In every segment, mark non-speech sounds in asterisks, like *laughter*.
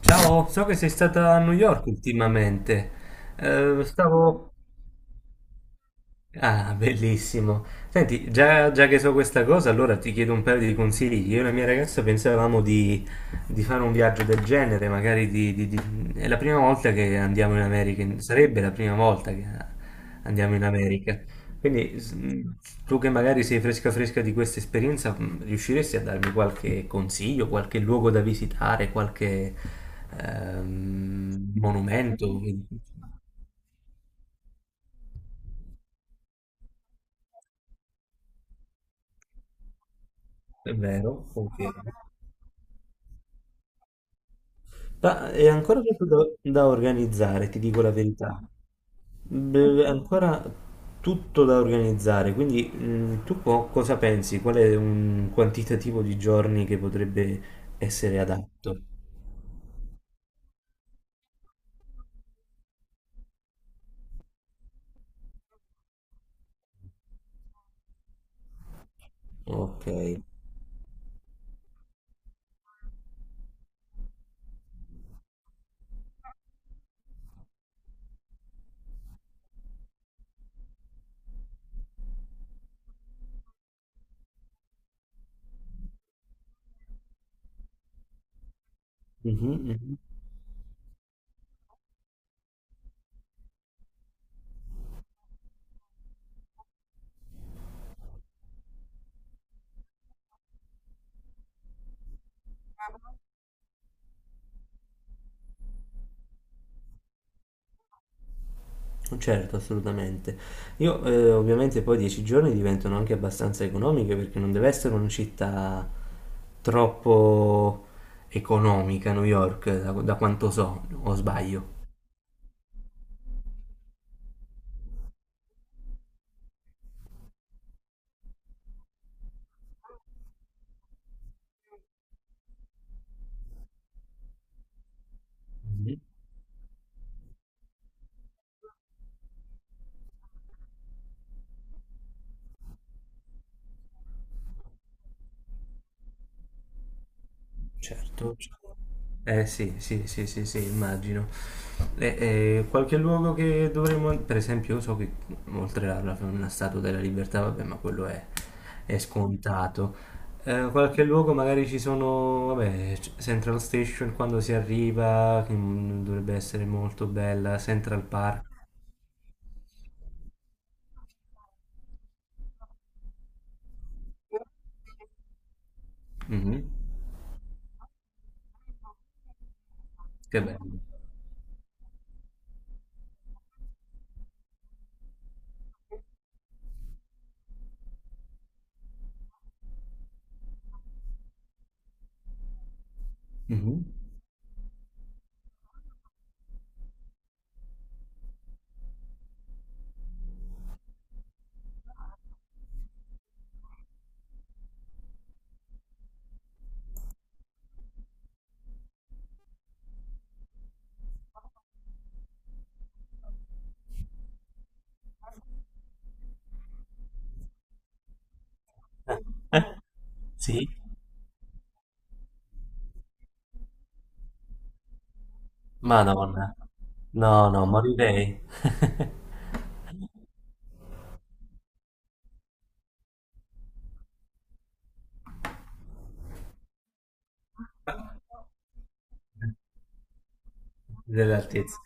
Ciao, so che sei stata a New York ultimamente. Eh, stavo, Ah, bellissimo. Senti, già che so questa cosa, allora ti chiedo un paio di consigli. Io e la mia ragazza pensavamo di fare un viaggio del genere, magari di- è la prima volta che andiamo in America, sarebbe la prima volta che andiamo in America. Quindi s- mh, tu che magari sei fresca fresca di questa esperienza, riusciresti a darmi qualche consiglio, qualche luogo da visitare, qualche monumento? È vero? Ok. Ma è ancora da organizzare, ti dico la verità. È ancora tutto da organizzare, quindi tu cosa pensi? Qual è un quantitativo di giorni che potrebbe essere adatto? Ok. Mhm, mhm. Certo, assolutamente. Io ovviamente poi 10 giorni diventano anche abbastanza economiche, perché non deve essere una città troppo economica, New York, da quanto so, o sbaglio. Certo, c- eh sì, sì, sì, sì, sì, immagino. E qualche luogo che dovremmo, per esempio, io so che oltre alla una Statua della Libertà, vabbè, ma quello è scontato. Qualche luogo magari ci sono, vabbè, Central Station quando si arriva, che mm, dovrebbe essere molto bella, Central Park. Mhm. Che bello. Mhm. Eh, eh, sì. Madonna. No, no, morirei *laughs* dell'altezza.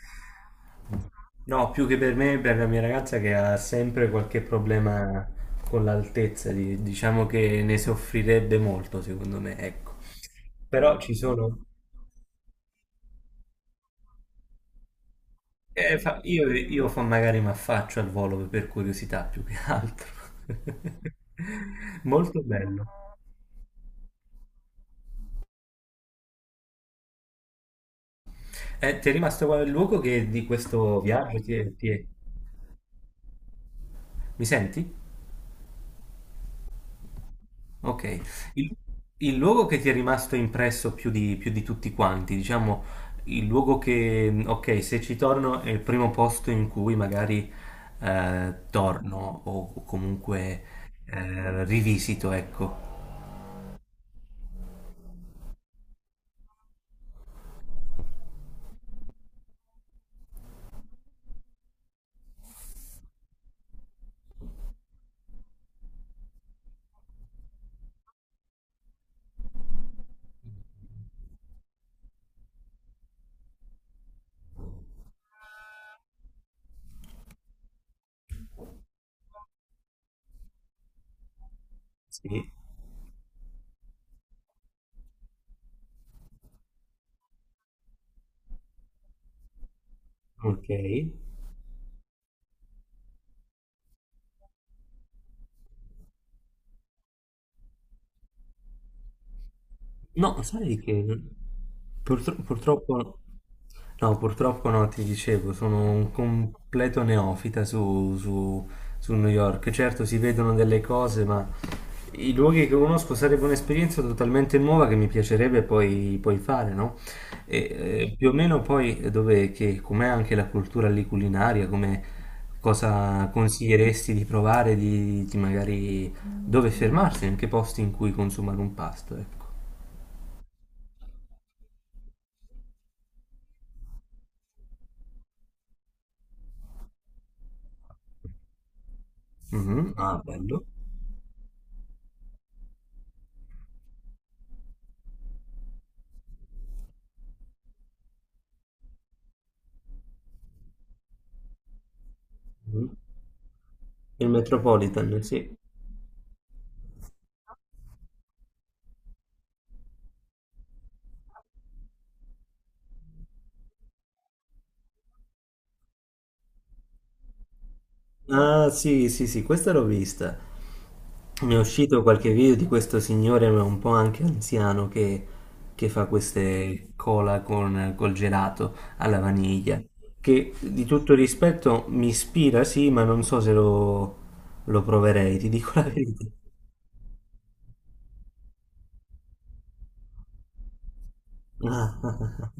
No, più che per me, per la mia ragazza che ha sempre qualche problema con l'altezza, diciamo che ne soffrirebbe molto, secondo me, ecco. Però ci sono... Io magari mi affaccio al volo per curiosità più che altro. *laughs* Molto bello. Ti è rimasto il luogo che di questo viaggio ti mi senti? Ok, il, il luogo che ti è rimasto impresso più più di tutti quanti, diciamo, il luogo che, ok, se ci torno è il primo posto in cui magari torno o comunque rivisito, ecco. Sì, ok. No, sai che purtro- purtroppo, no, purtroppo no, ti dicevo, sono un completo neofita su New York. Certo, si vedono delle cose, ma i luoghi che conosco sarebbe un'esperienza totalmente nuova che mi piacerebbe poi fare, no? E, più o meno poi dove, che, com'è anche la cultura lì culinaria, come cosa consiglieresti di provare, di magari dove fermarsi, in che posti in cui consumare un pasto, ecco. Mhm. Ah, bello. Mhm. Il Metropolitan, sì. Ah, sì, sì, sì, questa l'ho vista. Ne è uscito qualche video di questo signore, ma un po' anche anziano, che fa queste cola col gelato alla vaniglia. Che di tutto rispetto mi ispira, sì, ma non so se lo proverei, ti dico la verità. *laughs*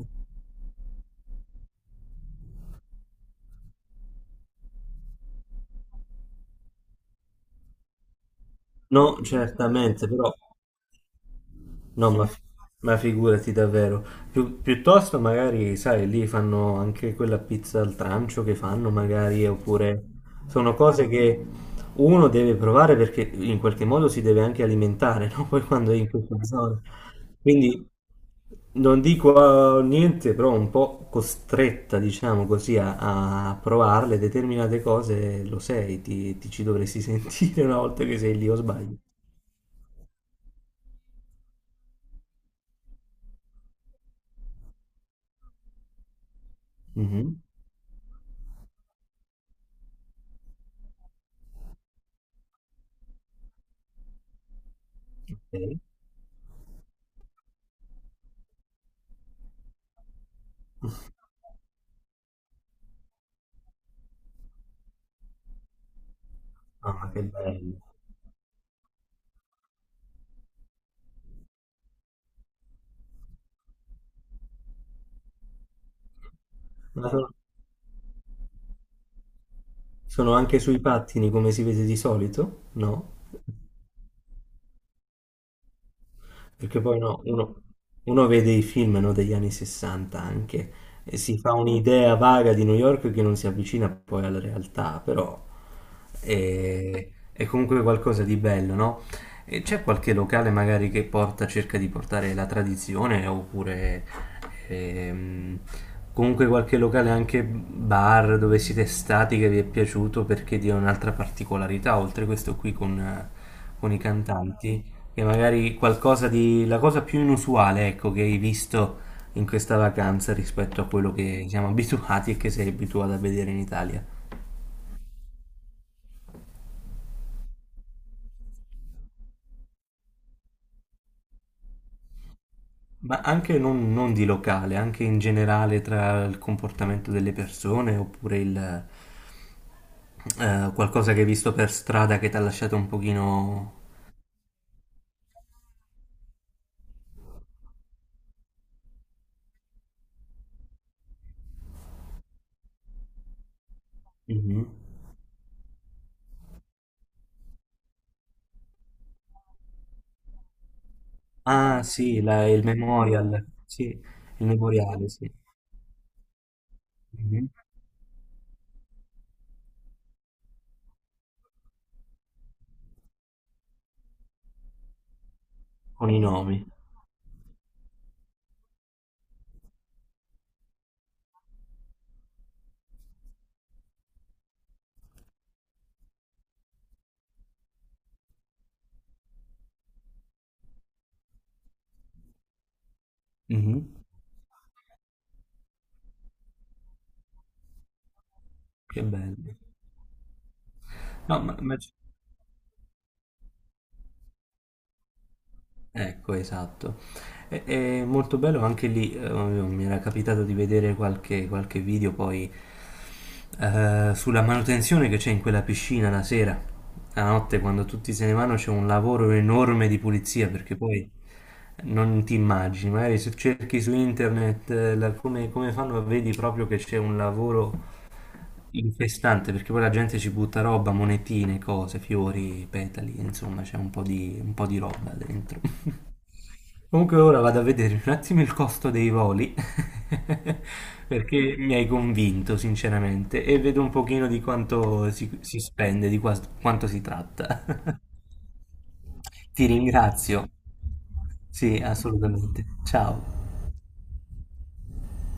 No, certamente, però. No, ma figurati davvero. Piuttosto magari, sai, lì fanno anche quella pizza al trancio che fanno magari, oppure sono cose che uno deve provare perché in qualche modo si deve anche alimentare, no? *laughs* Poi quando è in questa zona. Quindi non dico niente, però un po' costretta, diciamo così, a provarle determinate cose, lo sei, ti ci dovresti *laughs* sentire una volta che sei lì o sbaglio. Mhm. Ok. Ah, che bello. Ma so- Sono anche sui pattini come si vede di solito? No? Perché poi no, uno vede i film, no, degli anni 60 anche e si fa un'idea vaga di New York che non si avvicina poi alla realtà, però è comunque qualcosa di bello, no? E c'è qualche locale magari che porta, cerca di portare la tradizione oppure ehm, comunque qualche locale anche bar dove siete stati che vi è piaciuto perché dia un'altra particolarità, oltre questo qui con i cantanti. Che magari qualcosa di... la cosa più inusuale, ecco, che hai visto in questa vacanza rispetto a quello che siamo abituati e che sei abituato a vedere in Italia. Ma anche non di locale, anche in generale tra il comportamento delle persone oppure qualcosa che hai visto per strada che ti ha lasciato un pochino... Mhm. Ah, sì, il memorial, sì, il memoriale, sì. Mhm. Con i nomi. Mhm. Che bello. No, ma Ecco, esatto. È molto bello anche lì, mi era capitato di vedere qualche video poi sulla manutenzione che c'è in quella piscina la sera, la notte quando tutti se ne vanno c'è un lavoro enorme di pulizia, perché poi non ti immagini, magari se cerchi su internet come, come fanno vedi proprio che c'è un lavoro infestante perché poi la gente ci butta roba, monetine, cose, fiori, petali, insomma c'è un po' un po' di roba dentro. Comunque ora vado a vedere un attimo il costo dei voli, *laughs* perché mi hai convinto sinceramente, e vedo un pochino di quanto si spende, di quanto si tratta. *laughs* Ti ringrazio. Sì, assolutamente. Ciao.